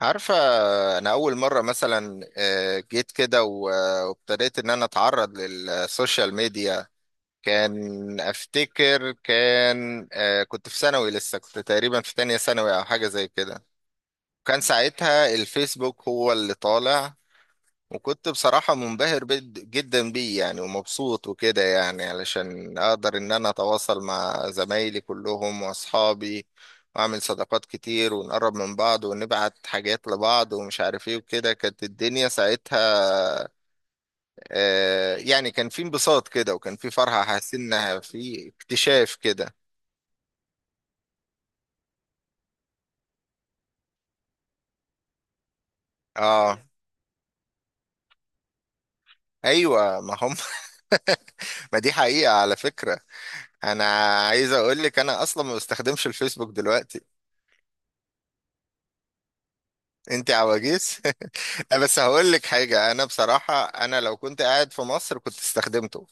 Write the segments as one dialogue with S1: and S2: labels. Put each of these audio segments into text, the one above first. S1: عارفة. أنا أول مرة مثلا جيت كده وابتديت إن أنا أتعرض للسوشيال ميديا. كان أفتكر كان آه، كنت في ثانوي لسه، كنت تقريبا في تانية ثانوي أو حاجة زي كده. كان ساعتها الفيسبوك هو اللي طالع. وكنت بصراحة منبهر جدا بيه يعني، ومبسوط وكده، يعني علشان أقدر إن أنا أتواصل مع زمايلي كلهم وأصحابي، وأعمل صداقات كتير، ونقرب من بعض، ونبعت حاجات لبعض ومش عارف إيه وكده كانت الدنيا ساعتها. يعني كان في انبساط كده، وكان في فرحة، حاسس إنها في اكتشاف كده. آه، أيوة ما هم. ما دي حقيقة على فكرة. أنا عايز أقول لك أنا أصلا ما بستخدمش الفيسبوك دلوقتي. انت عواجيز. لا، بس هقول لك حاجه، انا بصراحه انا لو كنت قاعد في مصر كنت استخدمته.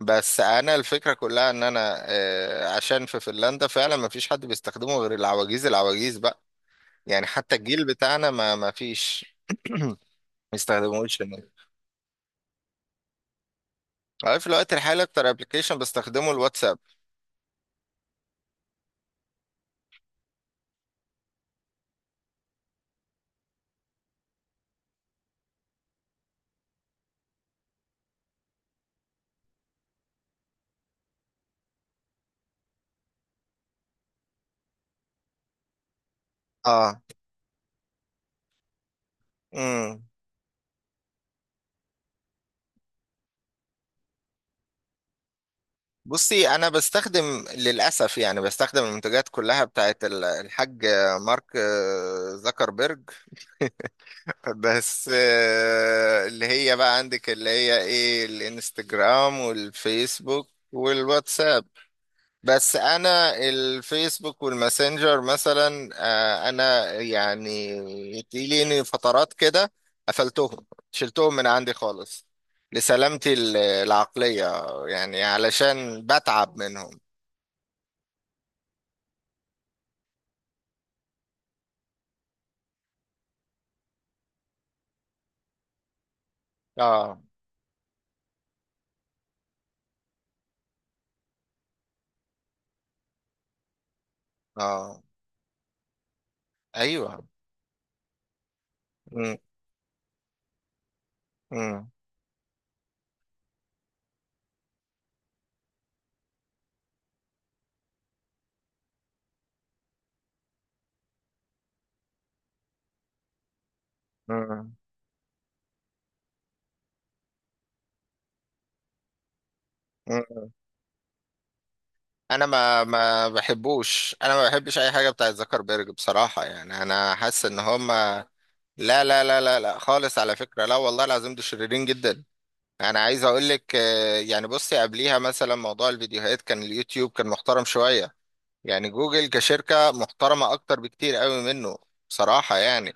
S1: بس انا الفكره كلها ان انا آه، عشان في فنلندا فعلا ما فيش حد بيستخدمه غير العواجيز، العواجيز بقى. يعني حتى الجيل بتاعنا ما فيش ما يستخدموش هناك. أنا في الوقت الحالي اكتر ابلكيشن بستخدمه الواتساب. اه. امم. بصي، انا بستخدم للاسف، يعني بستخدم المنتجات كلها بتاعت الحاج مارك، زكربرج. بس آه، اللي هي بقى عندك اللي هي ايه، الانستجرام والفيسبوك والواتساب. بس انا الفيسبوك والماسنجر مثلا، انا يعني تجيلي فترات كده، قفلتهم، شلتهم من عندي خالص لسلامتي العقلية، يعني علشان بتعب منهم. اه اه. ايوه. مم، مم، مم، مم. انا ما بحبوش، انا ما بحبش اي حاجه بتاعت زكربيرج بصراحه، يعني انا حاسس ان هم، لا لا لا لا لا، خالص على فكرة، لا والله العظيم دول شريرين جدا. انا عايز اقول لك، يعني بصي قبليها مثلا موضوع الفيديوهات، كان اليوتيوب كان محترم شوية. يعني جوجل كشركة محترمة اكتر بكتير قوي منه، بصراحة يعني.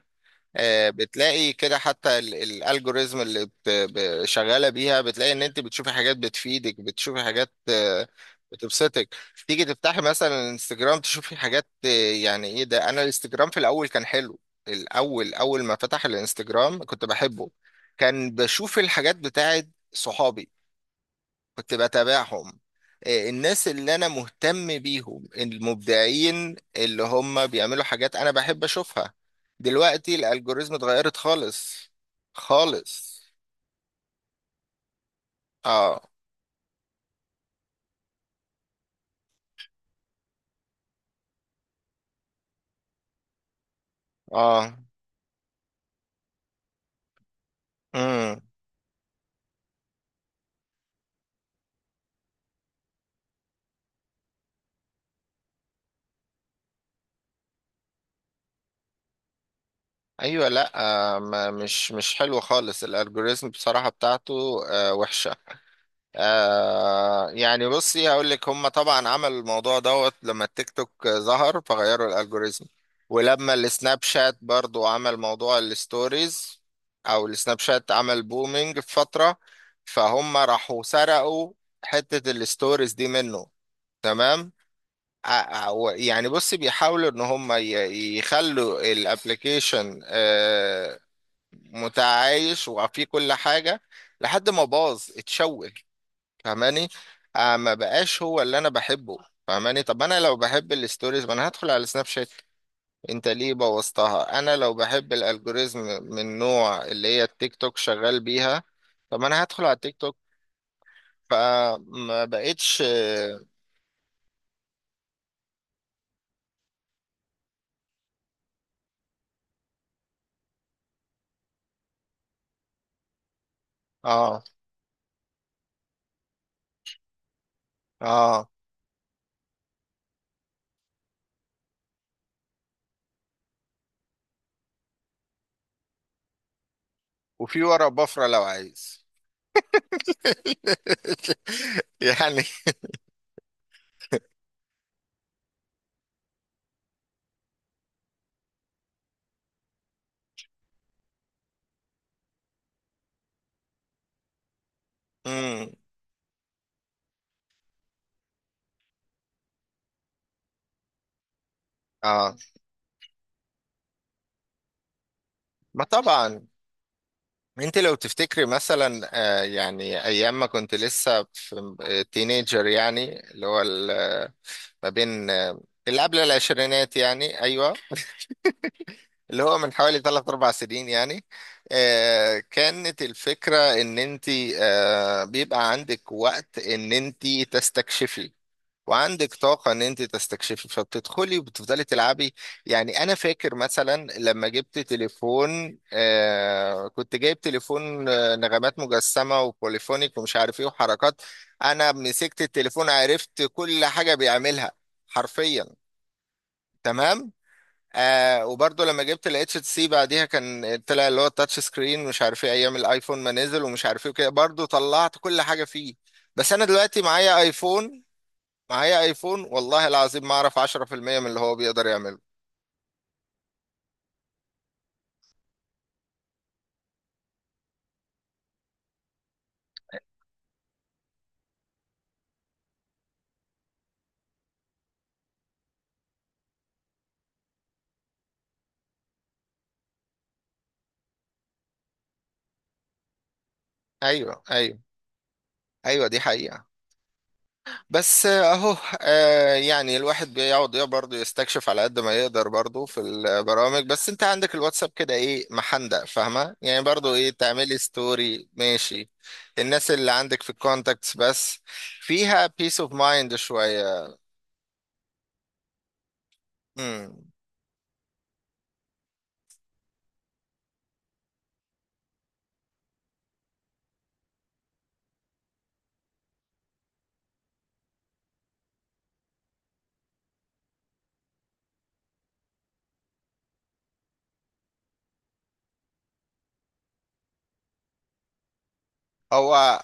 S1: بتلاقي كده حتى الالجوريزم اللي شغاله بيها، بتلاقي ان انت بتشوفي حاجات بتفيدك، بتشوفي حاجات بتبسطك. تيجي تفتحي مثلا الانستجرام تشوفي حاجات يعني ايه ده. انا الانستجرام في الاول كان حلو، الاول اول ما فتح الانستجرام كنت بحبه، كان بشوف الحاجات بتاعت صحابي، كنت بتابعهم. الناس اللي انا مهتم بيهم، المبدعين اللي هم بيعملوا حاجات انا بحب اشوفها. دلوقتي الالجوريزم اتغيرت خالص، خالص. اه اه. امم. ايوه. لا. آه، ما مش حلو خالص الالجوريزم بصراحة بتاعته، آه وحشة. يعني بصي هقول لك، هم طبعا عملوا الموضوع دوت لما التيك توك ظهر، فغيروا الالجوريزم. ولما السناب شات برضو عمل موضوع الستوريز، او السناب شات عمل بومينج في فترة، فهم راحوا سرقوا حتة الستوريز دي منه. تمام. ع- يعني بصي، بيحاولوا ان هم يخلوا الابليكيشن متعايش وفيه كل حاجة، لحد ما باظ اتشوه. فاهماني؟ ما بقاش هو اللي انا بحبه. فاهماني؟ طب انا لو بحب الستوريز ما انا هدخل على سناب شات، انت ليه بوظتها؟ انا لو بحب الالجوريزم من نوع اللي هي التيك توك شغال بيها، طب انا هدخل على التيك توك. فما بقتش. اه اه. وفي ورا بفرة لو عايز. يعني. امم. اه. ما طبعا. انت لو تفتكري مثلا، يعني ايام ما كنت لسه في تينيجر، يعني اللي هو ما بين اللي قبل العشرينات يعني، ايوه، اللي هو من حوالي ثلاث اربع سنين يعني. كانت الفكرة ان انت بيبقى عندك وقت ان انت تستكشفي، وعندك طاقة ان انت تستكشفي، فبتدخلي وبتفضلي تلعبي. يعني انا فاكر مثلا لما جبت تليفون، آه كنت جايب تليفون آه نغمات مجسمة وبوليفونيك ومش عارف ايه وحركات، انا مسكت التليفون عرفت كل حاجة بيعملها حرفيا. تمام. آه، وبرضه لما جبت ال HTC بعديها، كان طلع اللي هو التاتش سكرين مش عارف ايه، ايام الايفون ما نزل ومش عارف ايه وكده، برضه طلعت كل حاجة فيه. بس انا دلوقتي معايا ايفون، معايا ايفون والله العظيم ما اعرف 10% من اللي هو بيقدر يعمله. ايوه ايوه. ايوه دي حقيقة. بس آه، اهو آه يعني الواحد بيقعد برضه يستكشف على قد ما يقدر برضه في البرامج. بس انت عندك الواتساب كده ايه، محندق، فاهمة يعني، برضه ايه تعملي ستوري، ماشي، الناس اللي عندك في الكونتاكتس بس، فيها بيس اوف مايند شوية. امم. هو.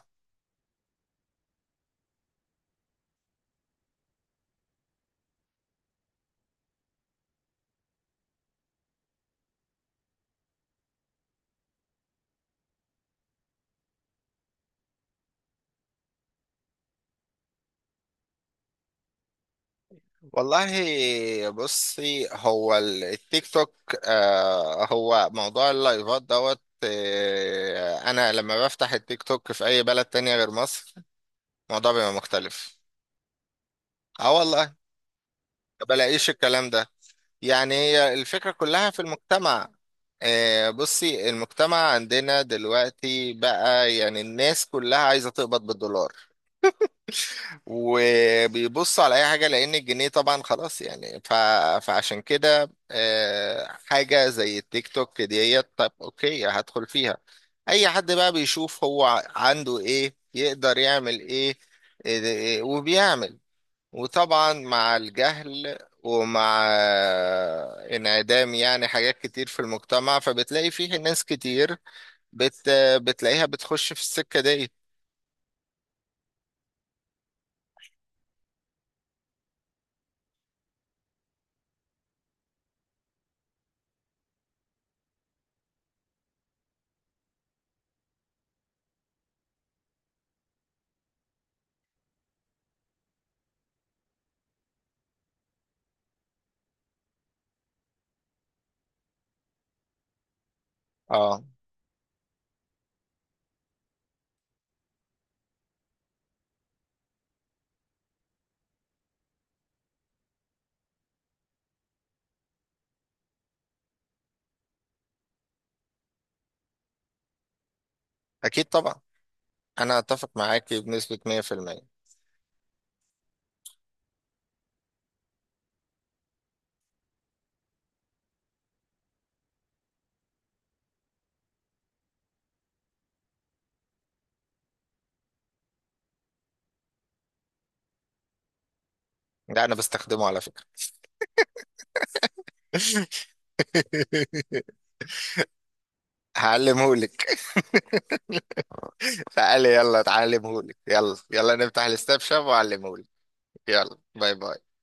S1: والله بصي، هو التيك توك، هو موضوع اللايفات دوت. آه، انا لما بفتح التيك توك في اي بلد تانية غير مصر، الموضوع بيبقى مختلف. اه والله. ما بلاقيش الكلام ده. يعني هي الفكرة كلها في المجتمع. بصي، المجتمع عندنا دلوقتي بقى، يعني الناس كلها عايزة تقبض بالدولار، وبيبص على اي حاجه، لان الجنيه طبعا خلاص يعني، ف... فعشان كده حاجه زي التيك توك ديت، طب اوكي هدخل فيها، اي حد بقى بيشوف هو عنده ايه، يقدر يعمل ايه، إيه ده- إيه، وبيعمل. وطبعا مع الجهل، ومع انعدام يعني حاجات كتير في المجتمع، فبتلاقي فيه ناس كتير بت... بتلاقيها بتخش في السكه دي. اه. اكيد طبعا، انا اتفق معاك بنسبة 100%. ده انا بستخدمه على فكرة. هعلمهولك. تعالي يلا تعلمهولك، يلا يلا نفتح الستاب شاب وأعلمهولك. يلا باي باي.